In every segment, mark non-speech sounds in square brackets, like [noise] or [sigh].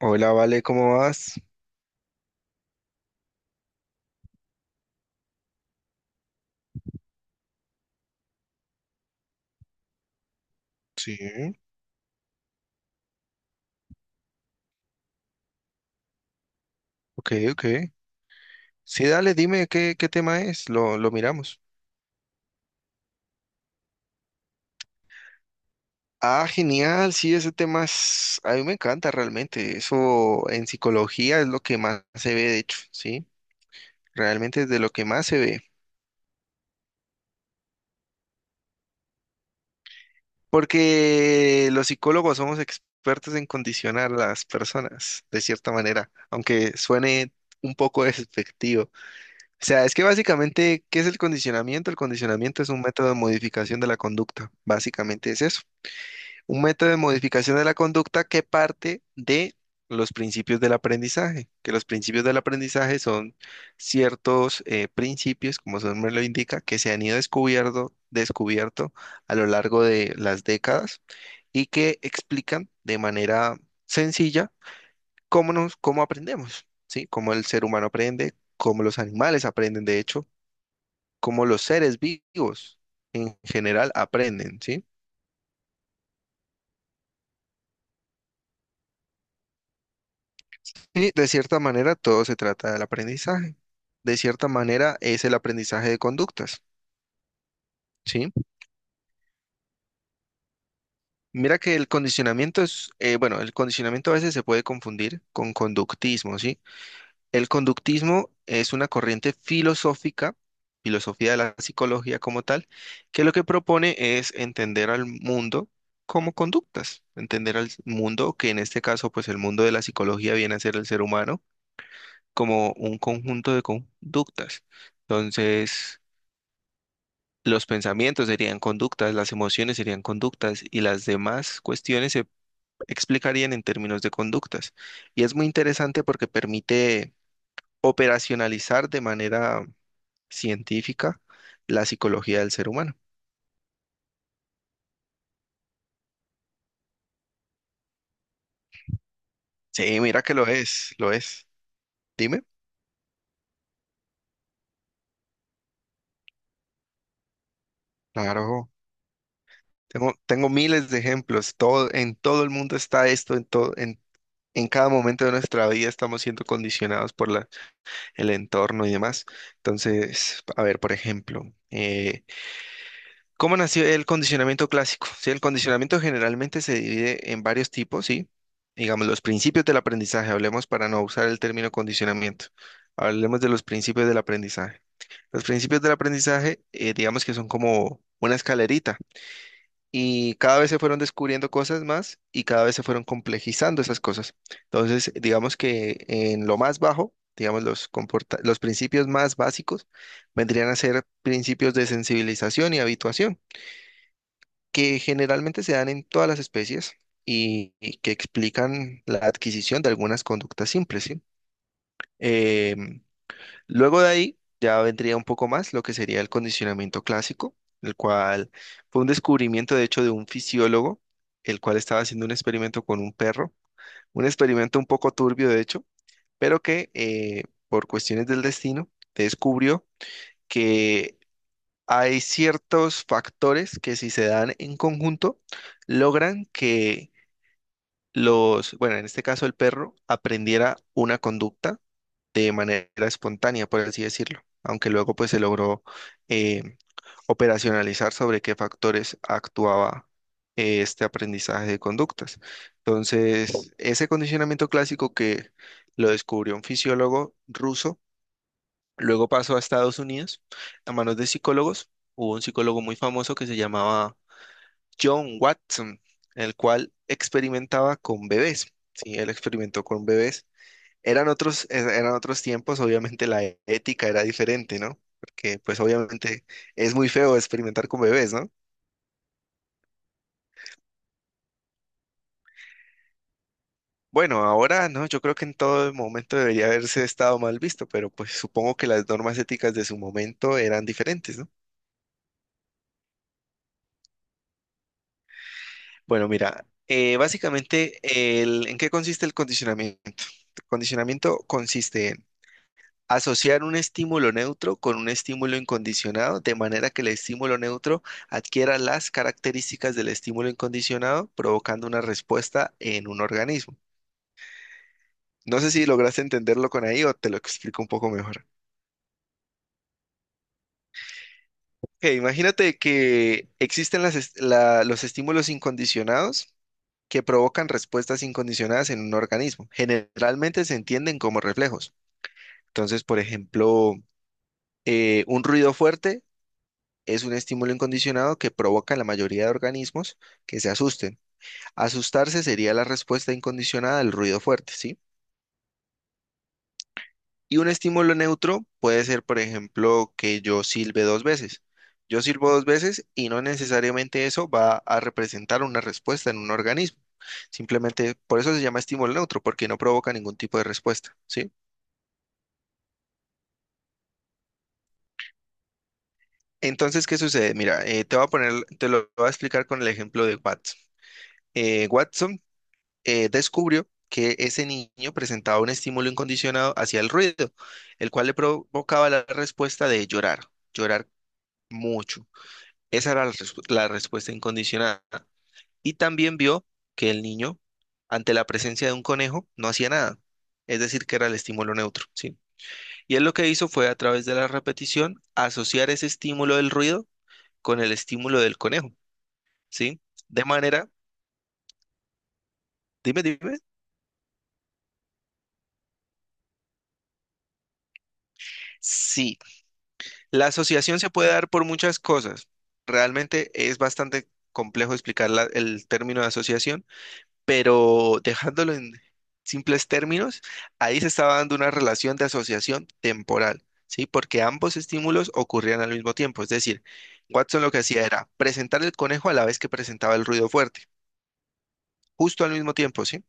Hola, Vale, ¿cómo vas? Sí, ok, ok. Sí, dale, dime qué tema es, lo miramos. Ah, genial, sí, a mí me encanta realmente. Eso en psicología es lo que más se ve, de hecho, sí, realmente es de lo que más se ve. Porque los psicólogos somos expertos en condicionar a las personas, de cierta manera, aunque suene un poco [laughs] despectivo. O sea, es que básicamente, ¿qué es el condicionamiento? El condicionamiento es un método de modificación de la conducta. Básicamente es eso. Un método de modificación de la conducta que parte de los principios del aprendizaje, que los principios del aprendizaje son ciertos principios, como su nombre lo indica, que se han ido descubierto a lo largo de las décadas y que explican de manera sencilla cómo aprendemos, ¿sí? Cómo el ser humano aprende, cómo los animales aprenden, de hecho como los seres vivos en general aprenden, ¿sí? Y de cierta manera todo se trata del aprendizaje. De cierta manera es el aprendizaje de conductas, ¿sí? Mira que el condicionamiento es, bueno, el condicionamiento a veces se puede confundir con conductismo, ¿sí? El conductismo es una corriente filosófica, filosofía de la psicología como tal, que lo que propone es entender al mundo como conductas, entender al mundo, que en este caso, pues el mundo de la psicología viene a ser el ser humano, como un conjunto de conductas. Entonces, los pensamientos serían conductas, las emociones serían conductas y las demás cuestiones se explicarían en términos de conductas. Y es muy interesante porque permite operacionalizar de manera científica la psicología del ser humano. Sí, mira que lo es, lo es. Dime. Claro, tengo miles de ejemplos. Todo, en todo el mundo está esto, en cada momento de nuestra vida estamos siendo condicionados por el entorno y demás. Entonces, a ver, por ejemplo, eh, ¿cómo nació el condicionamiento clásico? Sí, el condicionamiento generalmente se divide en varios tipos, ¿sí? Digamos, los principios del aprendizaje, hablemos para no usar el término condicionamiento, hablemos de los principios del aprendizaje. Los principios del aprendizaje, digamos que son como una escalerita y cada vez se fueron descubriendo cosas más y cada vez se fueron complejizando esas cosas. Entonces, digamos que en lo más bajo, digamos, los principios más básicos vendrían a ser principios de sensibilización y habituación que generalmente se dan en todas las especies y que explican la adquisición de algunas conductas simples, ¿sí? Em, Luego de ahí ya vendría un poco más lo que sería el condicionamiento clásico, el cual fue un descubrimiento de hecho de un fisiólogo, el cual estaba haciendo un experimento con un perro, un experimento un poco turbio de hecho, pero que por cuestiones del destino descubrió que hay ciertos factores que si se dan en conjunto, logran que bueno, en este caso el perro, aprendiera una conducta de manera espontánea, por así decirlo, aunque luego pues se logró eh, operacionalizar sobre qué factores actuaba este aprendizaje de conductas. Entonces, ese condicionamiento clásico que lo descubrió un fisiólogo ruso, luego pasó a Estados Unidos a manos de psicólogos. Hubo un psicólogo muy famoso que se llamaba John Watson, el cual experimentaba con bebés. Sí, él experimentó con bebés. Eran otros tiempos, obviamente ética era diferente, ¿no? Porque pues obviamente es muy feo experimentar con bebés, ¿no? Bueno, ahora no, yo creo que en todo momento debería haberse estado mal visto, pero pues supongo que las normas éticas de su momento eran diferentes, ¿no? Bueno, mira, básicamente, ¿en qué consiste el condicionamiento? El condicionamiento consiste en asociar un estímulo neutro con un estímulo incondicionado, de manera que el estímulo neutro adquiera las características del estímulo incondicionado, provocando una respuesta en un organismo. No sé si lograste entenderlo con ahí o te lo explico un poco mejor. Ok, imagínate que existen los estímulos incondicionados que provocan respuestas incondicionadas en un organismo. Generalmente se entienden como reflejos. Entonces, por ejemplo, un ruido fuerte es un estímulo incondicionado que provoca en la mayoría de organismos que se asusten. Asustarse sería la respuesta incondicionada al ruido fuerte, ¿sí? Y un estímulo neutro puede ser, por ejemplo, que yo silbe dos veces. Yo silbo dos veces y no necesariamente eso va a representar una respuesta en un organismo. Simplemente por eso se llama estímulo neutro, porque no provoca ningún tipo de respuesta, ¿sí? Entonces, ¿qué sucede? Mira, te lo voy a explicar con el ejemplo de Watson. Watson descubrió que ese niño presentaba un estímulo incondicionado hacia el ruido, el cual le provocaba la respuesta de llorar, llorar mucho. Esa era la respuesta incondicionada. Y también vio que el niño, ante la presencia de un conejo, no hacía nada. Es decir, que era el estímulo neutro, ¿sí? Y él lo que hizo fue, a través de la repetición, asociar ese estímulo del ruido con el estímulo del conejo, ¿sí? De manera, dime, dime. Sí, la asociación se puede dar por muchas cosas. Realmente es bastante complejo explicar el término de asociación, pero dejándolo en simples términos, ahí se estaba dando una relación de asociación temporal, ¿sí? Porque ambos estímulos ocurrían al mismo tiempo. Es decir, Watson lo que hacía era presentar el conejo a la vez que presentaba el ruido fuerte, justo al mismo tiempo, ¿sí?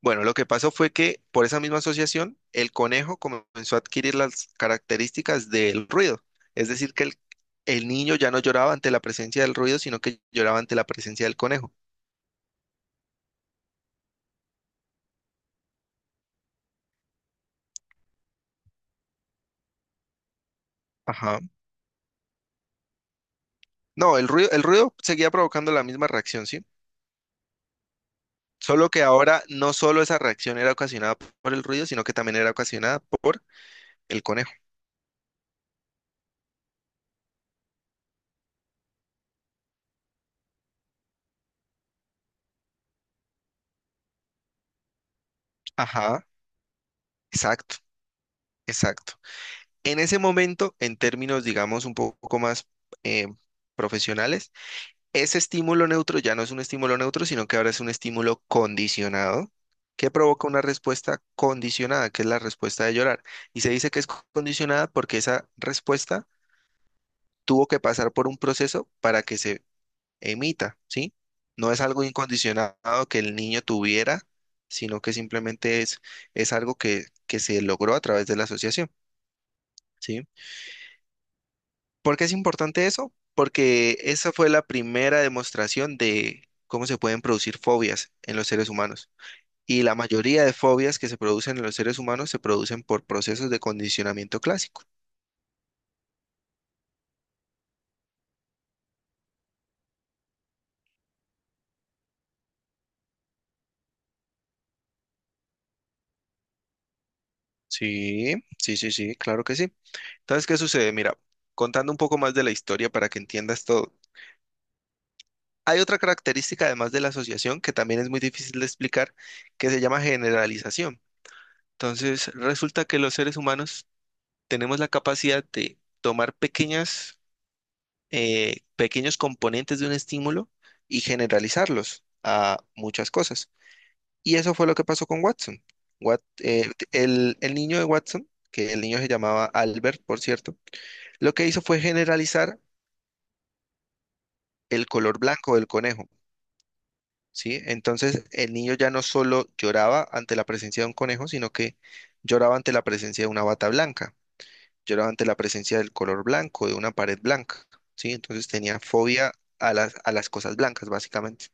Bueno, lo que pasó fue que por esa misma asociación, el conejo comenzó a adquirir las características del ruido. Es decir, que el niño ya no lloraba ante la presencia del ruido, sino que lloraba ante la presencia del conejo. Ajá. No, el ruido seguía provocando la misma reacción, ¿sí? Solo que ahora no solo esa reacción era ocasionada por el ruido, sino que también era ocasionada por el conejo. Ajá, exacto, exacto. En ese momento, en términos, digamos, un poco más eh, profesionales, ese estímulo neutro ya no es un estímulo neutro, sino que ahora es un estímulo condicionado que provoca una respuesta condicionada, que es la respuesta de llorar. Y se dice que es condicionada porque esa respuesta tuvo que pasar por un proceso para que se emita, ¿sí? No es algo incondicionado que el niño tuviera, sino que simplemente es algo que se logró a través de la asociación, ¿sí? ¿Por qué es importante eso? Porque esa fue la primera demostración de cómo se pueden producir fobias en los seres humanos. Y la mayoría de fobias que se producen en los seres humanos se producen por procesos de condicionamiento clásico. Sí, sí, sí, sí, claro que sí. Entonces, ¿qué sucede? Mira, contando un poco más de la historia para que entiendas todo. Hay otra característica, además de la asociación, que también es muy difícil de explicar, que se llama generalización. Entonces, resulta que los seres humanos tenemos la capacidad de tomar pequeñas pequeños componentes de un estímulo y generalizarlos a muchas cosas. Y eso fue lo que pasó con Watson. El niño de Watson, que el niño se llamaba Albert, por cierto, lo que hizo fue generalizar el color blanco del conejo, ¿sí? Entonces el niño ya no solo lloraba ante la presencia de un conejo, sino que lloraba ante la presencia de una bata blanca, lloraba ante la presencia del color blanco, de una pared blanca, ¿sí? Entonces tenía fobia a a las cosas blancas, básicamente.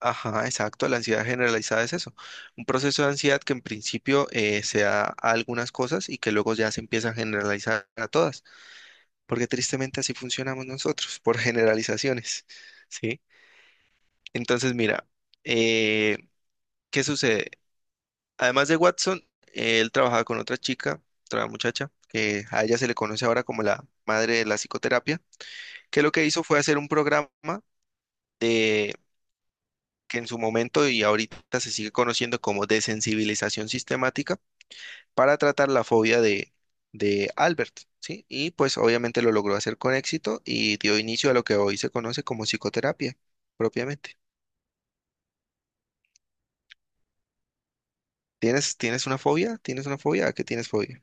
Ajá, exacto. La ansiedad generalizada es eso. Un proceso de ansiedad que en principio se da a algunas cosas y que luego ya se empieza a generalizar a todas, porque tristemente así funcionamos nosotros, por generalizaciones, ¿sí? Entonces, mira, eh, ¿qué sucede? Además de Watson, él trabajaba con otra chica, otra muchacha, que a ella se le conoce ahora como la madre de la psicoterapia, que lo que hizo fue hacer un programa que en su momento y ahorita se sigue conociendo como desensibilización sistemática para tratar la fobia de Albert, ¿sí? Y pues obviamente lo logró hacer con éxito y dio inicio a lo que hoy se conoce como psicoterapia propiamente. ¿Tienes, tienes una fobia? ¿Tienes una fobia? ¿A qué tienes fobia?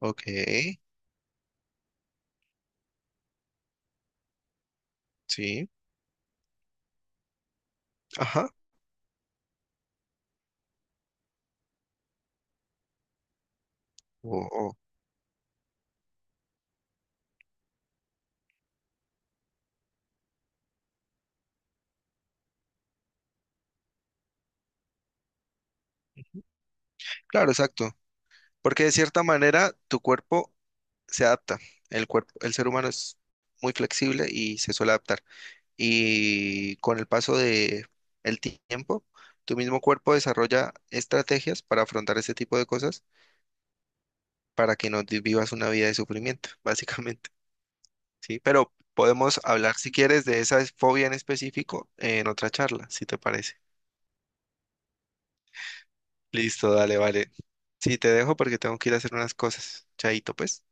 Ok, sí, ajá. O, o, claro, exacto. Porque de cierta manera tu cuerpo se adapta. El cuerpo, el ser humano es muy flexible y se suele adaptar. Y con el paso de el tiempo, tu mismo cuerpo desarrolla estrategias para afrontar este tipo de cosas para que no te- vivas una vida de sufrimiento, [laughs] básicamente, ¿sí? Pero podemos hablar, si quieres, de esa fobia en específico en otra charla, si te parece. Listo, dale, vale. Sí, te dejo porque tengo que ir a hacer unas cosas. Chaito, pues.